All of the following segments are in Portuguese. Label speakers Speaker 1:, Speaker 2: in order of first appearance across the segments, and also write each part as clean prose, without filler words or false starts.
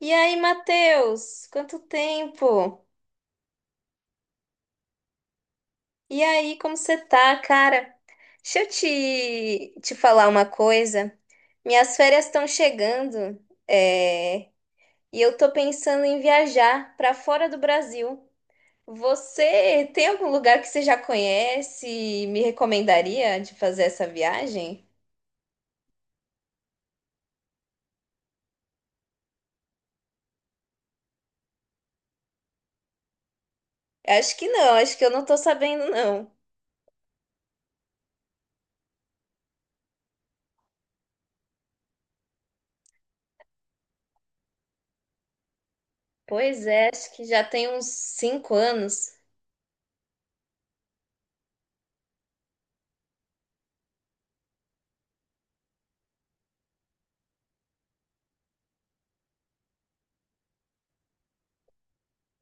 Speaker 1: E aí, Matheus? Quanto tempo? E aí, como você tá, cara? Deixa eu te falar uma coisa. Minhas férias estão chegando, é, e eu tô pensando em viajar para fora do Brasil. Você tem algum lugar que você já conhece e me recomendaria de fazer essa viagem? Acho que não, acho que eu não tô sabendo, não. Pois é, acho que já tem uns 5 anos.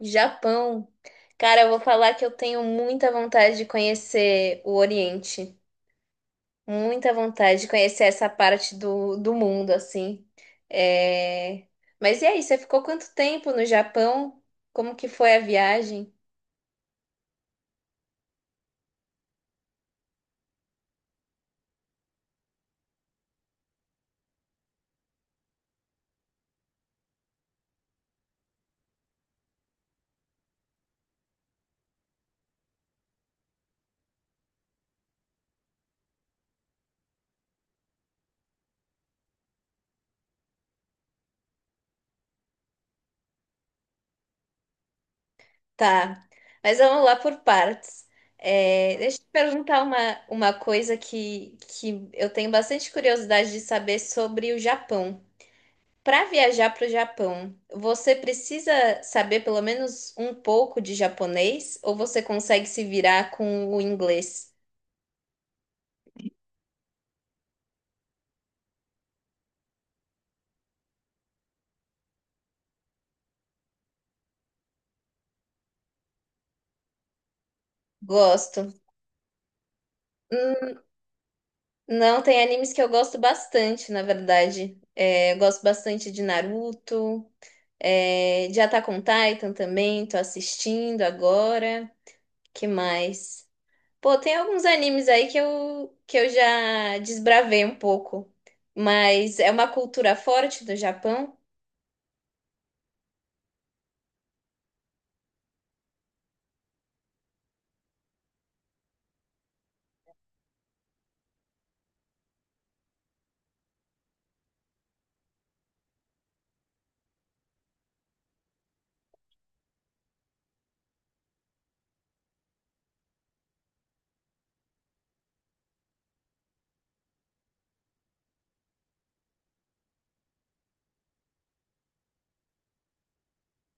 Speaker 1: Japão. Cara, eu vou falar que eu tenho muita vontade de conhecer o Oriente. Muita vontade de conhecer essa parte do mundo, assim. É... Mas e aí, você ficou quanto tempo no Japão? Como que foi a viagem? Tá, mas vamos lá por partes. Deixa eu te perguntar uma coisa que eu tenho bastante curiosidade de saber sobre o Japão. Para viajar para o Japão, você precisa saber pelo menos um pouco de japonês ou você consegue se virar com o inglês? Gosto. Hum, Não, tem animes que eu gosto bastante, na verdade. Eu gosto bastante de Naruto, de Attack on Titan também, tô assistindo agora. Que mais? Pô, tem alguns animes aí que eu já desbravei um pouco, mas é uma cultura forte do Japão.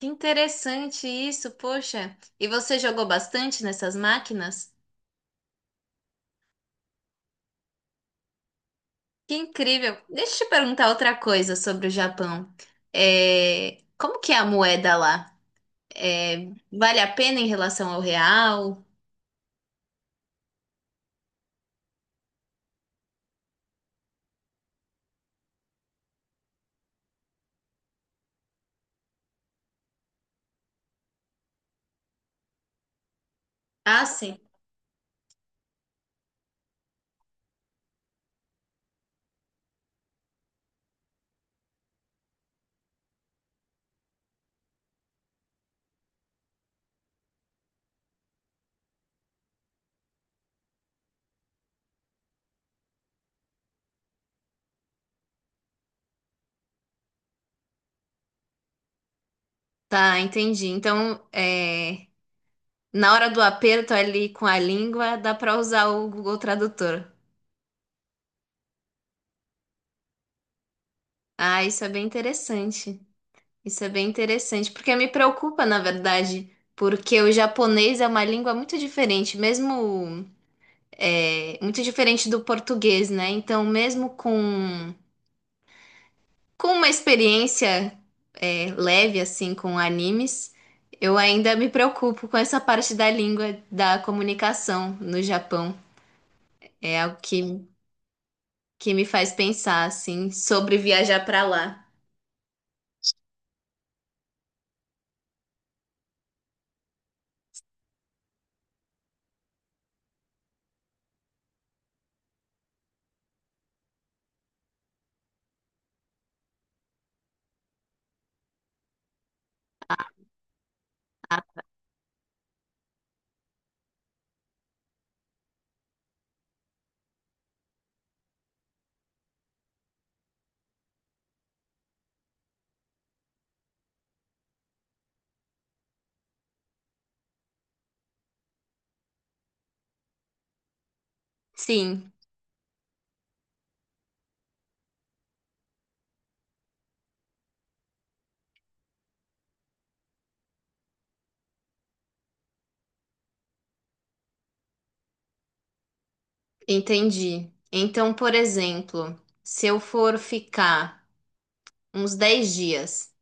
Speaker 1: Que interessante isso, poxa. E você jogou bastante nessas máquinas? Que incrível. Deixa eu te perguntar outra coisa sobre o Japão. Como que é a moeda lá? Vale a pena em relação ao real? Ah, sim. Tá, entendi. Então, na hora do aperto ali com a língua, dá pra usar o Google Tradutor. Ah, isso é bem interessante. Isso é bem interessante, porque me preocupa, na verdade, porque o japonês é uma língua muito diferente, mesmo muito diferente do português, né? Então, mesmo com uma experiência leve, assim, com animes, eu ainda me preocupo com essa parte da língua da comunicação no Japão. É algo que me faz pensar, assim, sobre viajar para lá. Sim, entendi. Então, por exemplo, se eu for ficar uns 10 dias.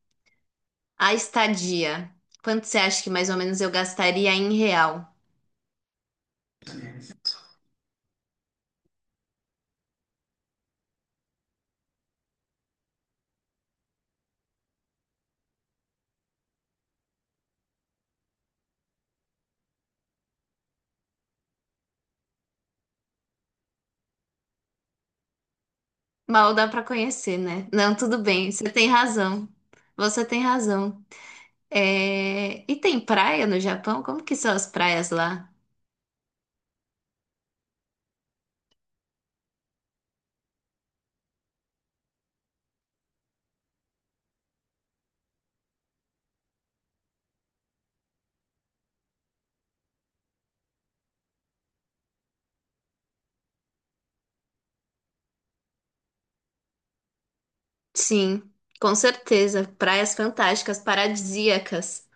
Speaker 1: A estadia. Quanto você acha que mais ou menos eu gastaria em real? Mal dá pra conhecer, né? Não, tudo bem. Você tem razão. Você tem razão. E tem praia no Japão? Como que são as praias lá? Sim, com certeza. Praias fantásticas, paradisíacas.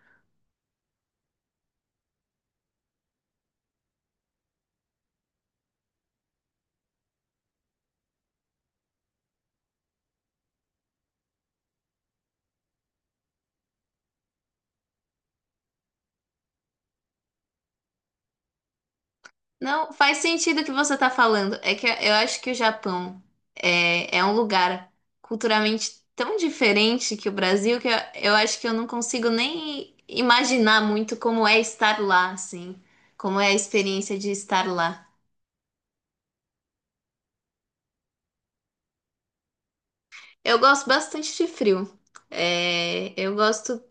Speaker 1: Não, faz sentido o que você está falando. É que eu acho que o Japão é um lugar culturalmente tão diferente que o Brasil que eu acho que eu não consigo nem imaginar muito como é estar lá, assim, como é a experiência de estar lá. Eu gosto bastante de frio. Eu gosto,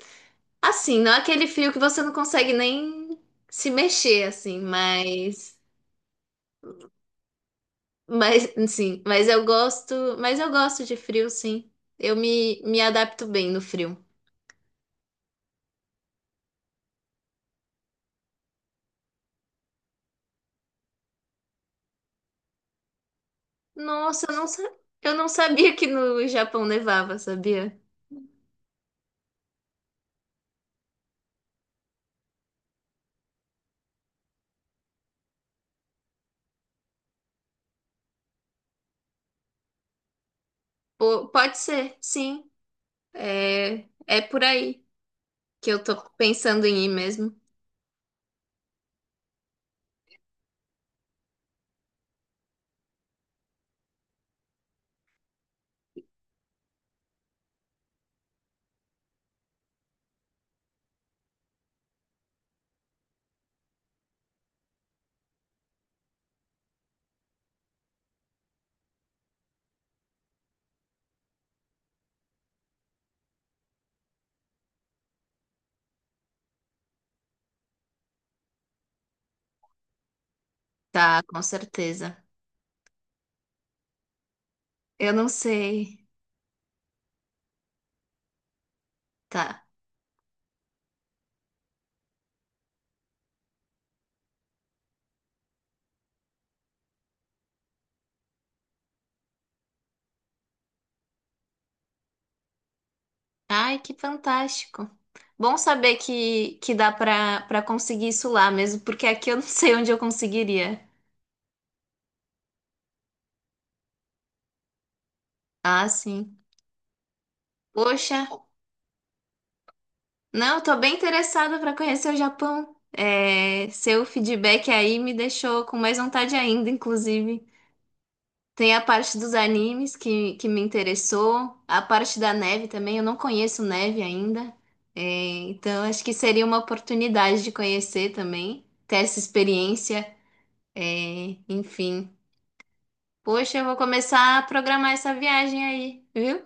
Speaker 1: assim, não é aquele frio que você não consegue nem se mexer, assim, mas. Mas sim, mas eu gosto de frio, sim. Eu me adapto bem no frio. Nossa, eu não sabia que no Japão nevava, sabia? Pode ser, sim. É por aí que eu tô pensando em ir mesmo. Tá, com certeza. Eu não sei. Tá. Ai, que fantástico. Bom saber que dá pra conseguir isso lá mesmo, porque aqui eu não sei onde eu conseguiria. Ah, sim. Poxa. Não, tô bem interessada para conhecer o Japão. Seu feedback aí me deixou com mais vontade ainda, inclusive. Tem a parte dos animes que me interessou, a parte da neve também. Eu não conheço neve ainda, É, então acho que seria uma oportunidade de conhecer também, ter essa experiência. Enfim, poxa, eu vou começar a programar essa viagem aí, viu?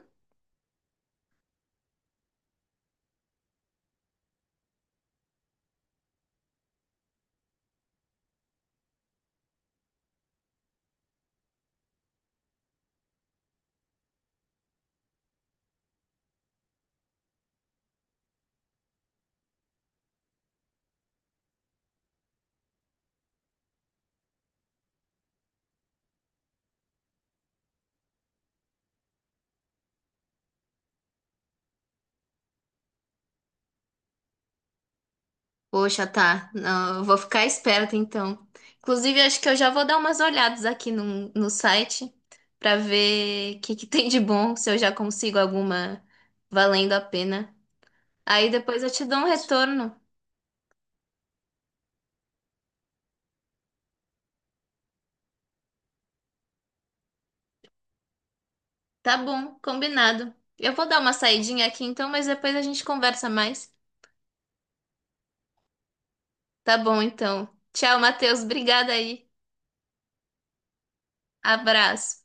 Speaker 1: Poxa, tá. Não, eu vou ficar esperta então. Inclusive, acho que eu já vou dar umas olhadas aqui no site pra ver o que que tem de bom, se eu já consigo alguma valendo a pena. Aí depois eu te dou um retorno. Tá bom, combinado. Eu vou dar uma saidinha aqui então, mas depois a gente conversa mais. Tá bom, então. Tchau, Matheus. Obrigada aí. Abraço.